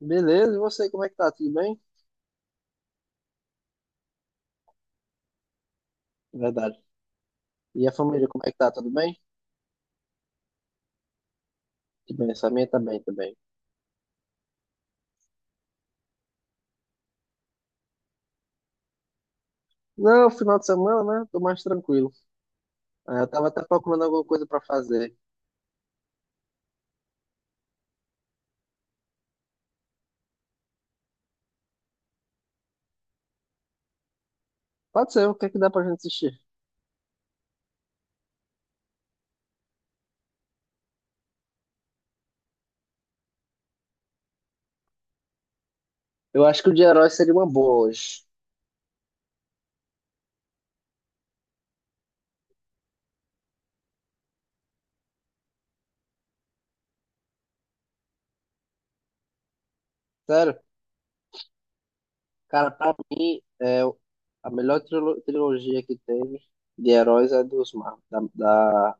Beleza, e você, como é que tá? Tudo bem? Verdade. E a família, como é que tá? Tudo bem? Tudo bem, essa minha também. Não, final de semana, né? Tô mais tranquilo. Eu tava até procurando alguma coisa pra fazer. Pode ser, o que é que dá pra gente assistir? Eu acho que o de herói seria uma boa hoje. Sério? Cara, pra mim, é a melhor trilogia que teve de heróis é dos Mar, da, da-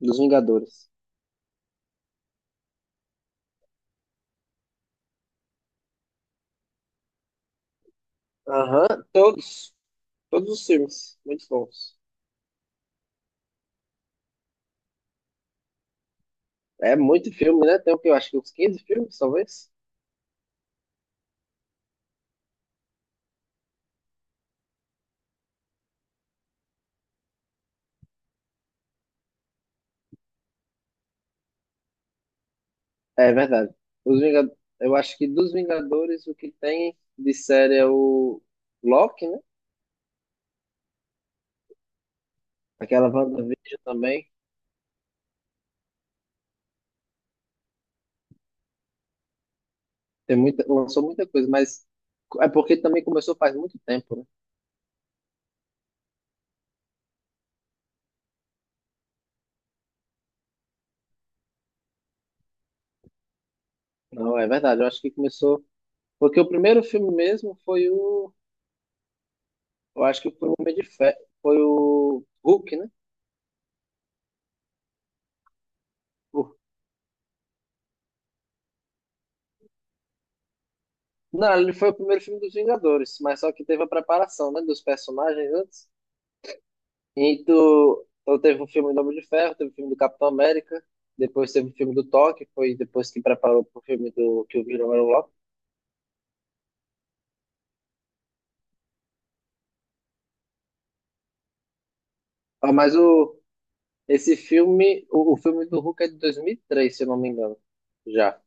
dos Vingadores. Aham, todos. Todos os filmes. Muito bons. É muito filme, né? Tem o que eu acho que uns 15 filmes, talvez. É verdade. Os Vingad... Eu acho que dos Vingadores o que tem de série é o Loki, né? Aquela WandaVision também. Lançou muita coisa, mas é porque também começou faz muito tempo, né? Não, é verdade. Eu acho que começou. Porque o primeiro filme mesmo foi o. Eu acho que foi o Homem de Ferro. Foi o Hulk, né? O- Não, ele foi o primeiro filme dos Vingadores, mas só que teve a preparação, né? Dos personagens antes. E tu, então teve um filme do Homem de Ferro, teve o filme do Capitão América, depois teve o filme do Thor, que foi depois que preparou pro filme do que o Viram era o Loki. Ah, mas o, esse filme, o filme do Hulk é de 2003, se eu não me engano, já.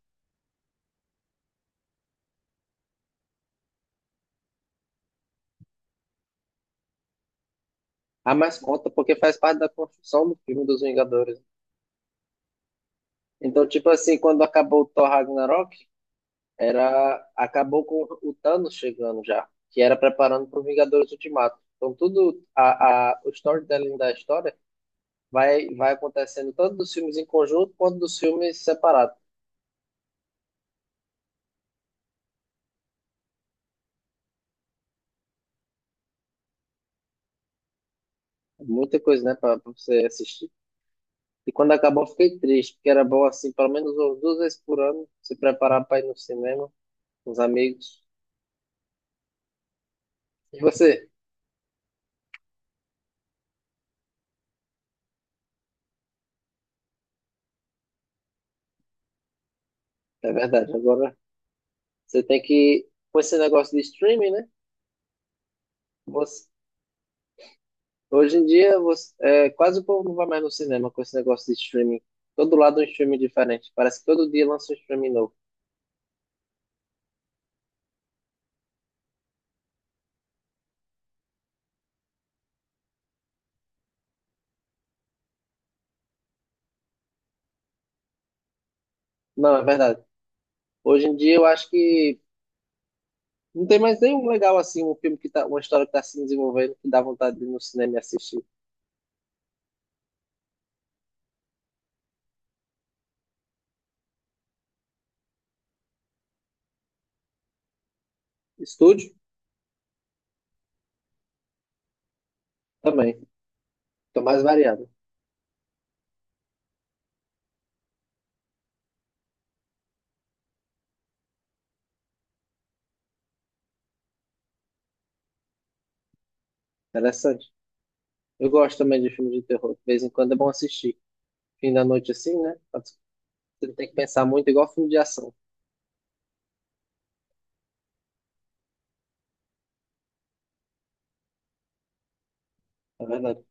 Ah, mas conta porque faz parte da construção do filme dos Vingadores. Então, tipo assim, quando acabou o Thor Ragnarok, acabou com o Thanos chegando já, que era preparando pro Vingadores Ultimato. Então, o storytelling da história vai acontecendo tanto dos filmes em conjunto quanto dos filmes separados. É muita coisa, né, para você assistir. E quando acabou, eu fiquei triste, porque era bom, assim, pelo menos umas duas vezes por ano, se preparar para ir no cinema com os amigos. E você? É verdade, agora você tem que. Com esse negócio de streaming, né? Você, hoje em dia, quase o povo não vai mais no cinema com esse negócio de streaming. Todo lado é um streaming diferente. Parece que todo dia lança um streaming novo. Não, é verdade. Hoje em dia, eu acho que não tem mais nenhum legal assim, um filme que tá, uma história que tá se desenvolvendo, que dá vontade de ir no cinema e assistir. Estúdio? Também. Tô mais variado. Interessante. Eu gosto também de filme de terror. De vez em quando é bom assistir. Fim da noite assim, né? Você não tem que pensar muito, igual filme de ação. É verdade.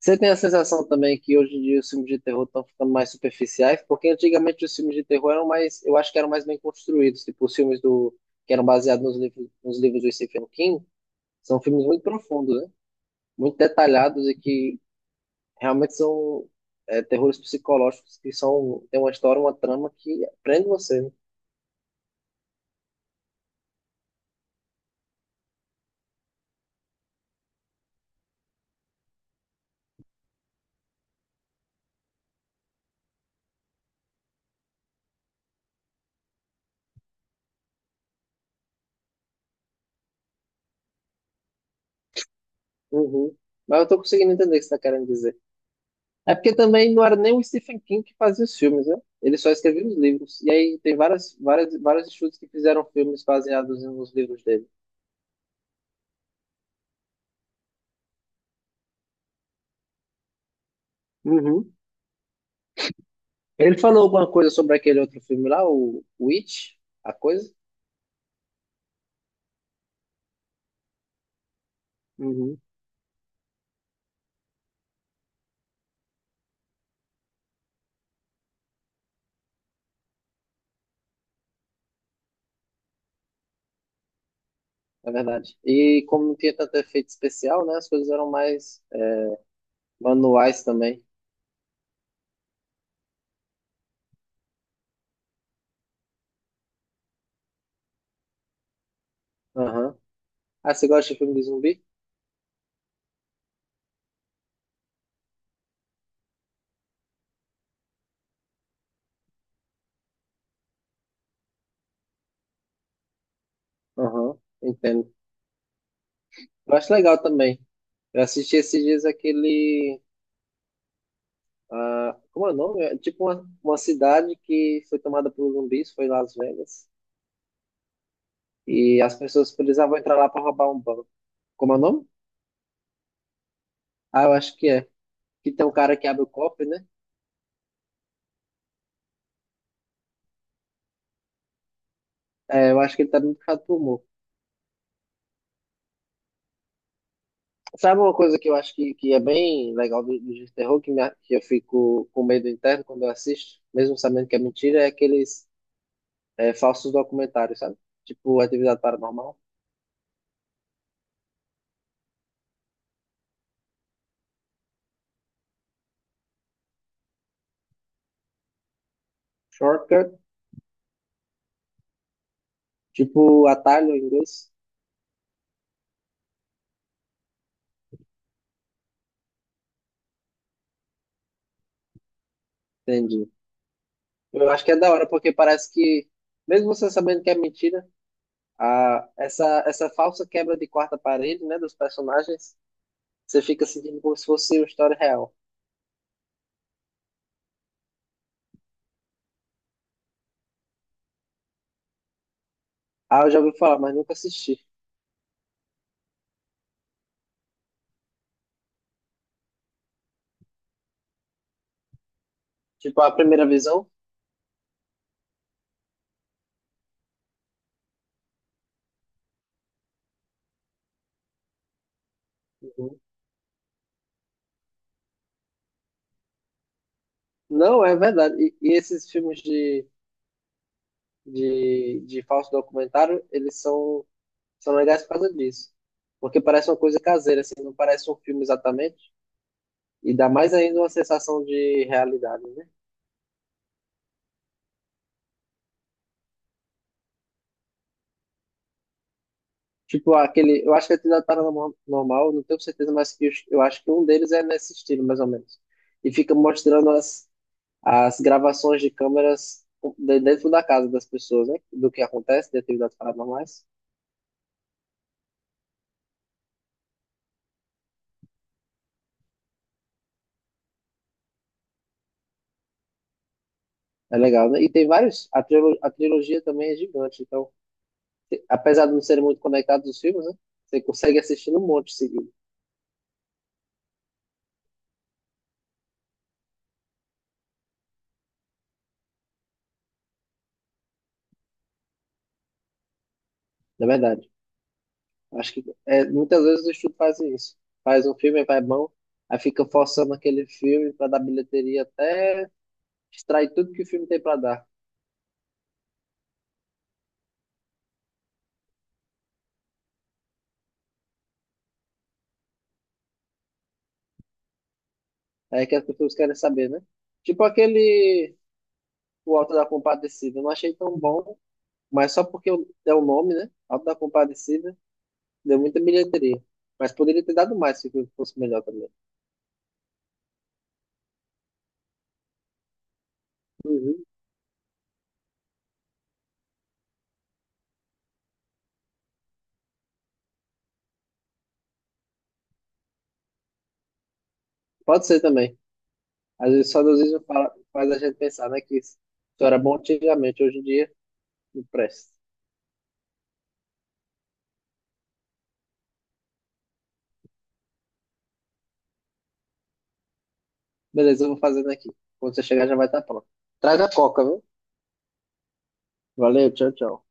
Você tem a sensação também que hoje em dia os filmes de terror estão ficando mais superficiais? Porque antigamente os filmes de terror eram mais, eu acho que eram mais bem construídos. Tipo, que eram baseados nos livros do Stephen King, são filmes muito profundos, né? Muito detalhados e que realmente são terrores psicológicos que são, tem uma história, uma trama que prende você, né? Uhum. Mas eu tô conseguindo entender o que você tá querendo dizer. É porque também não era nem o Stephen King que fazia os filmes, né? Ele só escrevia os livros. E aí tem vários estudos que fizeram filmes baseados nos livros dele. Uhum. Ele falou alguma coisa sobre aquele outro filme lá, o It, a coisa? Uhum. É verdade. E como não tinha tanto efeito especial, né? As coisas eram mais manuais também. Aham. Ah, você gosta de filme de zumbi? Aham, entendo. Eu acho legal também. Eu assisti esses dias aquele. Ah, como é o nome? É tipo uma cidade que foi tomada por zumbis, foi Las Vegas. E as pessoas precisavam entrar lá para roubar um banco. Como é o nome? Ah, eu acho que é. Que tem um cara que abre o cofre, né? É, eu acho que ele tá bem puxado pro humor. Sabe uma coisa que eu acho que é bem legal do de terror, que, que eu fico com medo interno quando eu assisto, mesmo sabendo que é mentira, é aqueles falsos documentários, sabe? Tipo Atividade Paranormal. Tipo, atalho em inglês? Entendi. Eu acho que é da hora, porque parece que, mesmo você sabendo que é mentira, essa falsa quebra de quarta parede, né, dos personagens, você fica sentindo como se fosse uma história real. Ah, eu já ouvi falar, mas nunca assisti. Tipo, a primeira visão? Uhum. Não, é verdade. E esses filmes de falso documentário, eles são, são legais por causa disso. Porque parece uma coisa caseira, assim, não parece um filme exatamente. E dá mais ainda uma sensação de realidade, né? Tipo, aquele. Eu acho que é Atividade Paranormal, não tenho certeza, mas eu acho que um deles é nesse estilo, mais ou menos. E fica mostrando as gravações de câmeras dentro da casa das pessoas, né? Do que acontece de atividades paranormais. É legal, né? E tem vários. A trilogia também é gigante, então, apesar de não serem muito conectados os filmes, né? Você consegue assistir um monte seguido, na verdade. Acho que é, muitas vezes o estúdio faz isso. Faz um filme, vai bom, aí fica forçando aquele filme para dar bilheteria até extrai tudo que o filme tem pra dar. É que as pessoas querem saber, né? Tipo aquele O Auto da Compadecida. Eu não achei tão bom, mas só porque é o nome, né? Auto da Compadecida, deu muita bilheteria. Mas poderia ter dado mais se o filme fosse melhor também. Uhum. Pode ser também. Às vezes, só Deus mesmo fala, faz a gente pensar, né? Que isso era bom antigamente, hoje em dia não presta. Beleza, eu vou fazendo aqui. Quando você chegar já vai estar pronto. Traz a coca, viu? Valeu, tchau, tchau.